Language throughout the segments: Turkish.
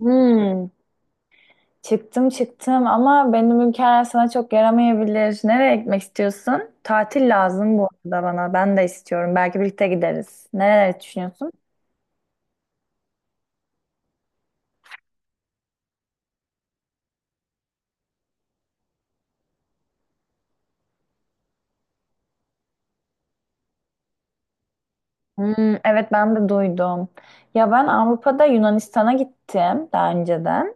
Hmm, çıktım ama benim ülkeler sana çok yaramayabilir. Nereye gitmek istiyorsun? Tatil lazım bu arada bana. Ben de istiyorum. Belki birlikte gideriz. Nereleri düşünüyorsun? Hmm, evet ben de duydum. Ya ben Avrupa'da Yunanistan'a gittim daha önceden.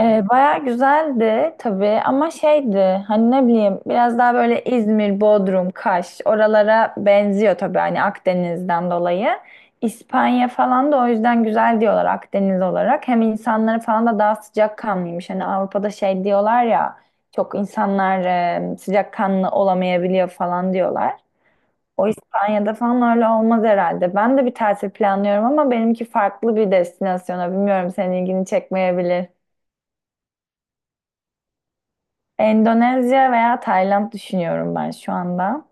Baya güzeldi tabii ama şeydi hani ne bileyim biraz daha böyle İzmir, Bodrum, Kaş oralara benziyor tabii hani Akdeniz'den dolayı. İspanya falan da o yüzden güzel diyorlar Akdeniz olarak. Hem insanları falan da daha sıcakkanlıymış. Hani Avrupa'da şey diyorlar ya çok insanlar sıcakkanlı olamayabiliyor falan diyorlar. O İspanya'da falan öyle olmaz herhalde. Ben de bir tatil planlıyorum ama benimki farklı bir destinasyona. Bilmiyorum senin ilgini çekmeyebilir. Endonezya veya Tayland düşünüyorum ben şu anda. Evet.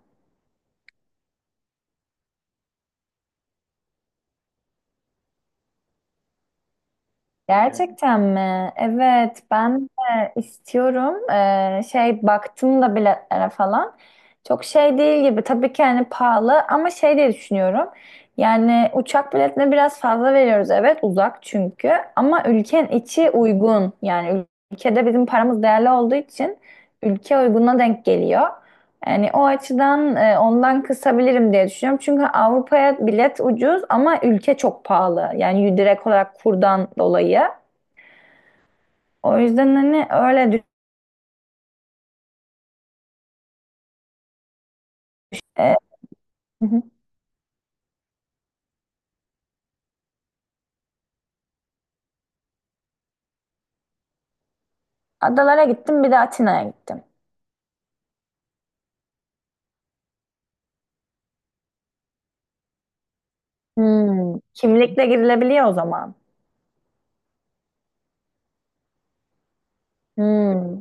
Gerçekten mi? Evet, ben de istiyorum. Şey baktım da biletlere falan. Çok şey değil gibi. Tabii ki hani pahalı ama şey diye düşünüyorum. Yani uçak biletine biraz fazla veriyoruz. Evet, uzak çünkü. Ama ülkenin içi uygun. Yani ülkede bizim paramız değerli olduğu için ülke uyguna denk geliyor. Yani o açıdan ondan kısabilirim diye düşünüyorum. Çünkü Avrupa'ya bilet ucuz ama ülke çok pahalı. Yani direkt olarak kurdan dolayı. O yüzden hani öyle düşün. E, Hı hı. Adalara gittim bir de Atina'ya gittim. Hmm, kimlikle girilebiliyor o zaman. Hmm.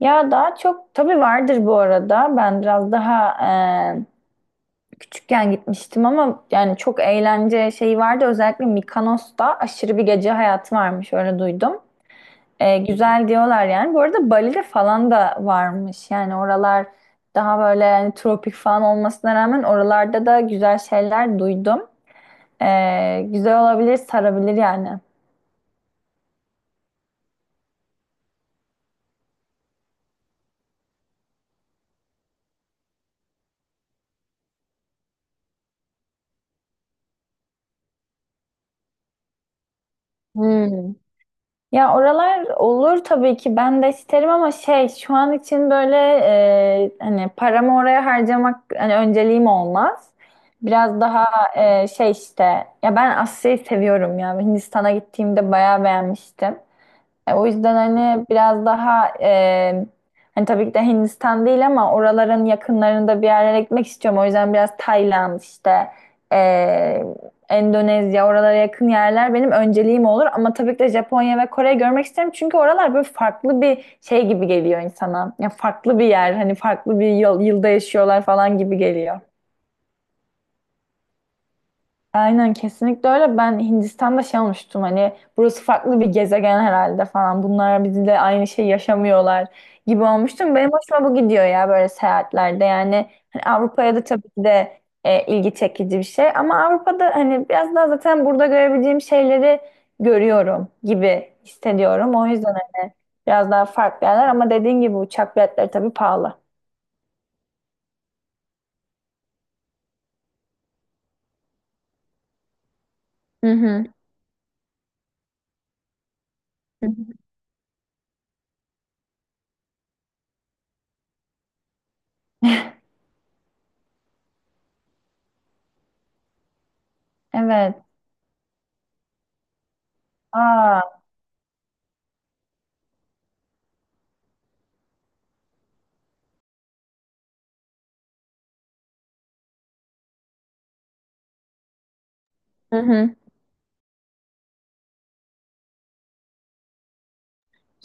Ya daha çok tabii vardır bu arada. Ben biraz daha e, küçükken gitmiştim ama yani çok eğlence şeyi vardı. Özellikle Mikonos'ta aşırı bir gece hayatı varmış öyle duydum. Güzel diyorlar yani. Bu arada Bali'de falan da varmış. Yani oralar daha böyle yani tropik falan olmasına rağmen oralarda da güzel şeyler duydum. Güzel olabilir, sarabilir yani. Hmm. Ya oralar olur tabii ki ben de isterim ama şey şu an için böyle hani paramı oraya harcamak hani önceliğim olmaz. Biraz daha şey işte ya ben Asya'yı seviyorum ya. Hindistan'a gittiğimde bayağı beğenmiştim. O yüzden hani biraz daha hani tabii ki de Hindistan değil ama oraların yakınlarında bir yerlere gitmek istiyorum. O yüzden biraz Tayland işte e, Endonezya oralara yakın yerler benim önceliğim olur. Ama tabii ki de Japonya ve Kore'yi görmek isterim. Çünkü oralar böyle farklı bir şey gibi geliyor insana. Ya farklı bir yer hani farklı bir yıl, yılda yaşıyorlar falan gibi geliyor. Aynen kesinlikle öyle. Ben Hindistan'da şey olmuştum hani burası farklı bir gezegen herhalde falan. Bunlar bizimle aynı şey yaşamıyorlar gibi olmuştum. Benim hoşuma bu gidiyor ya böyle seyahatlerde. Yani hani Avrupa'ya da tabii ki de ilgi çekici bir şey. Ama Avrupa'da hani biraz daha zaten burada görebileceğim şeyleri görüyorum gibi hissediyorum. O yüzden hani biraz daha farklı yerler ama dediğin gibi uçak biletleri tabii pahalı. Hı hı. Hı hı. Evet. Aa. Hı hı.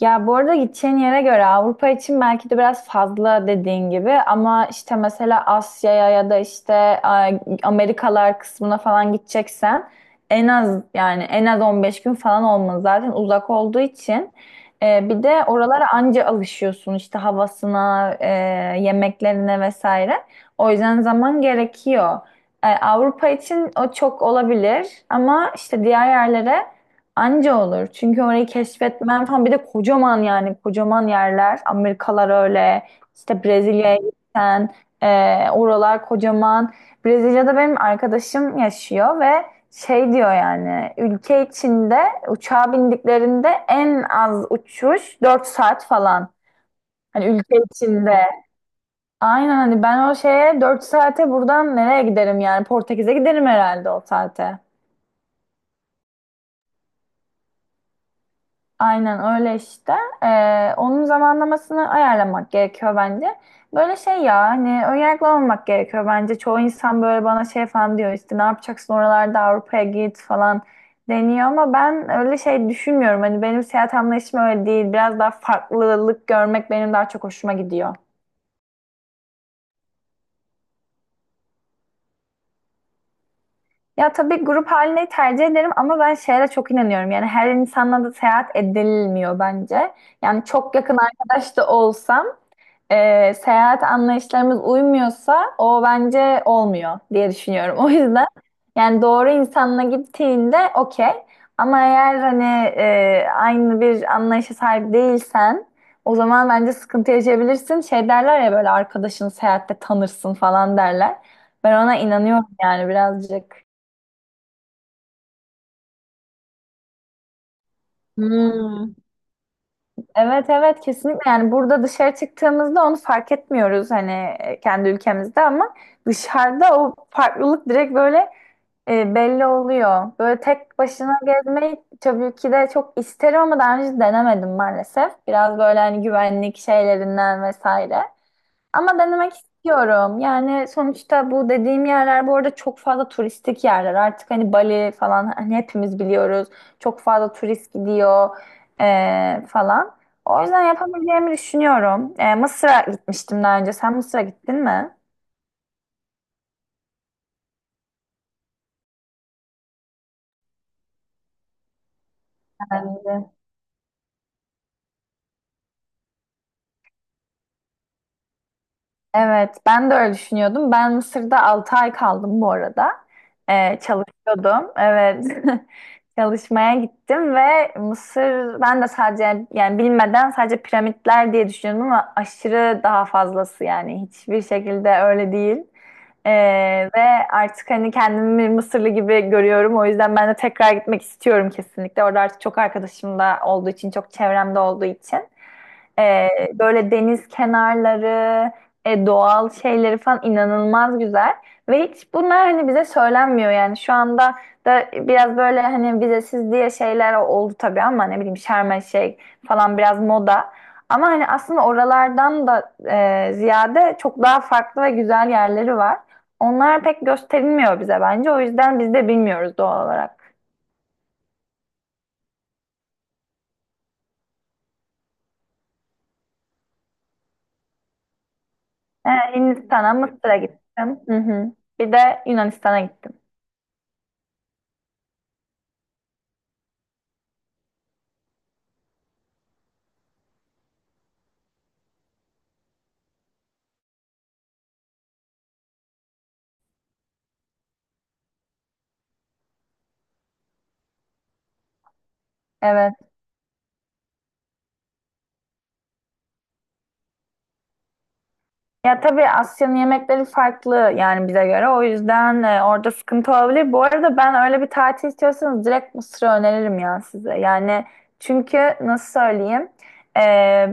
Ya bu arada gideceğin yere göre Avrupa için belki de biraz fazla dediğin gibi ama işte mesela Asya'ya ya da işte Amerikalar kısmına falan gideceksen en az yani en az 15 gün falan olmalı zaten uzak olduğu için. Bir de oralara anca alışıyorsun işte havasına, yemeklerine vesaire. O yüzden zaman gerekiyor. Avrupa için o çok olabilir ama işte diğer yerlere anca olur. Çünkü orayı keşfetmen falan bir de kocaman yani kocaman yerler. Amerikalar öyle. İşte Brezilya'ya gitsen oralar kocaman. Brezilya'da benim arkadaşım yaşıyor ve şey diyor yani ülke içinde uçağa bindiklerinde en az uçuş 4 saat falan. Hani ülke içinde. Aynen hani ben o şeye 4 saate buradan nereye giderim yani Portekiz'e giderim herhalde o saate. Aynen öyle işte. Onun zamanlamasını ayarlamak gerekiyor bence. Böyle şey ya hani önyargılı olmak gerekiyor bence. Çoğu insan böyle bana şey falan diyor işte ne yapacaksın oralarda Avrupa'ya git falan deniyor ama ben öyle şey düşünmüyorum. Hani benim seyahat anlayışım öyle değil. Biraz daha farklılık görmek benim daha çok hoşuma gidiyor. Ya tabii grup halini tercih ederim ama ben şeye de çok inanıyorum. Yani her insanla da seyahat edilmiyor bence. Yani çok yakın arkadaş da olsam seyahat anlayışlarımız uymuyorsa o bence olmuyor diye düşünüyorum. O yüzden yani doğru insanla gittiğinde okey. Ama eğer hani aynı bir anlayışa sahip değilsen o zaman bence sıkıntı yaşayabilirsin. Şey derler ya böyle arkadaşını seyahatte tanırsın falan derler. Ben ona inanıyorum yani birazcık. Hmm. Evet, evet, kesinlikle yani burada dışarı çıktığımızda onu fark etmiyoruz hani kendi ülkemizde ama dışarıda o farklılık direkt böyle belli oluyor. Böyle tek başına gezmeyi tabii ki de çok isterim ama daha önce denemedim maalesef. Biraz böyle hani güvenlik şeylerinden vesaire. Ama denemek istiyorum. Yani sonuçta bu dediğim yerler bu arada çok fazla turistik yerler. Artık hani Bali falan hani hepimiz biliyoruz. Çok fazla turist gidiyor falan. O yüzden yapabileceğimi düşünüyorum. Mısır'a gitmiştim daha önce. Sen Mısır'a gittin mi? Bence. Evet, ben de öyle düşünüyordum. Ben Mısır'da 6 ay kaldım bu arada. Çalışıyordum. Evet. Çalışmaya gittim ve Mısır ben de sadece yani bilmeden sadece piramitler diye düşünüyordum ama aşırı daha fazlası yani hiçbir şekilde öyle değil. Ee, ve artık hani kendimi bir Mısırlı gibi görüyorum. O yüzden ben de tekrar gitmek istiyorum kesinlikle. Orada artık çok arkadaşım da olduğu için, çok çevremde olduğu için. Ee, böyle deniz kenarları, doğal şeyleri falan inanılmaz güzel. Ve hiç bunlar hani bize söylenmiyor yani şu anda da biraz böyle hani vizesiz diye şeyler oldu tabii ama ne bileyim Şarm şey falan biraz moda. Ama hani aslında oralardan da ziyade çok daha farklı ve güzel yerleri var. Onlar pek gösterilmiyor bize bence. O yüzden biz de bilmiyoruz doğal olarak. Ee, Hindistan'a, Mısır'a gittim. Hı hı. Bir de Yunanistan'a gittim. Evet. Ya tabii Asya'nın yemekleri farklı yani bize göre. O yüzden orada sıkıntı olabilir. Bu arada ben öyle bir tatil istiyorsanız direkt Mısır'ı öneririm ya size. Yani çünkü nasıl söyleyeyim? E,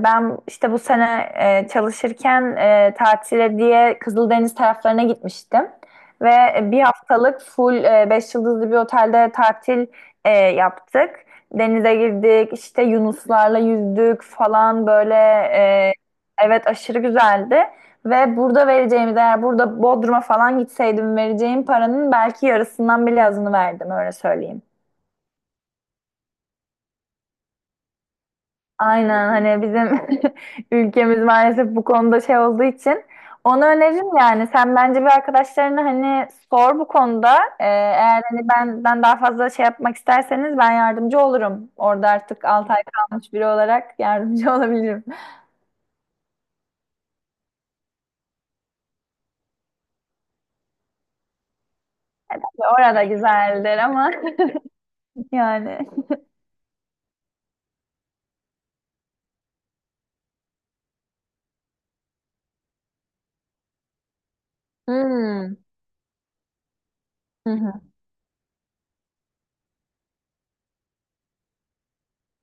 ben işte bu sene çalışırken tatile diye Kızıldeniz taraflarına gitmiştim. Ve 1 haftalık full 5 yıldızlı bir otelde tatil yaptık. Denize girdik, işte yunuslarla yüzdük falan böyle. e, evet aşırı güzeldi. Ve burada vereceğim değer burada Bodrum'a falan gitseydim vereceğim paranın belki yarısından bile azını verdim öyle söyleyeyim. Aynen hani bizim ülkemiz maalesef bu konuda şey olduğu için onu öneririm yani. Sen bence bir arkadaşlarına hani sor bu konuda. Eğer hani benden daha fazla şey yapmak isterseniz ben yardımcı olurum. Orada artık 6 ay kalmış biri olarak yardımcı olabilirim. Orada güzeldir ama yani. Hmm. Hı hı.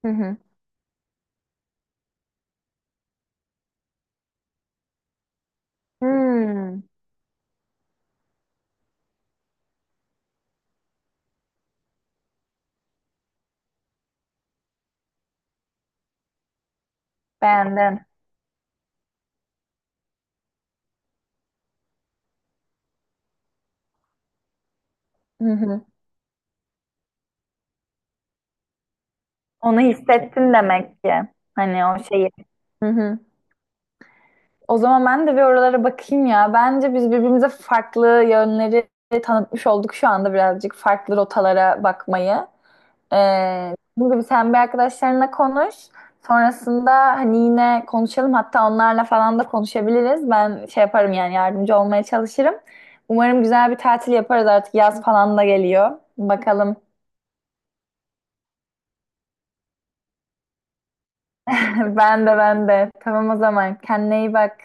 Hı hı. Hmm. Beğendin. Hı hı. Onu hissettin demek ki. Hani o şeyi. Hı hı. O zaman ben de bir oralara bakayım ya. Bence biz birbirimize farklı yönleri tanıtmış olduk şu anda birazcık farklı rotalara bakmayı. Dediğim gibi sen bir arkadaşlarınla konuş. Sonrasında hani yine konuşalım. Hatta onlarla falan da konuşabiliriz. Ben şey yaparım yani yardımcı olmaya çalışırım. Umarım güzel bir tatil yaparız artık. Yaz falan da geliyor. Bakalım. Ben de ben de. Tamam o zaman. Kendine iyi bak.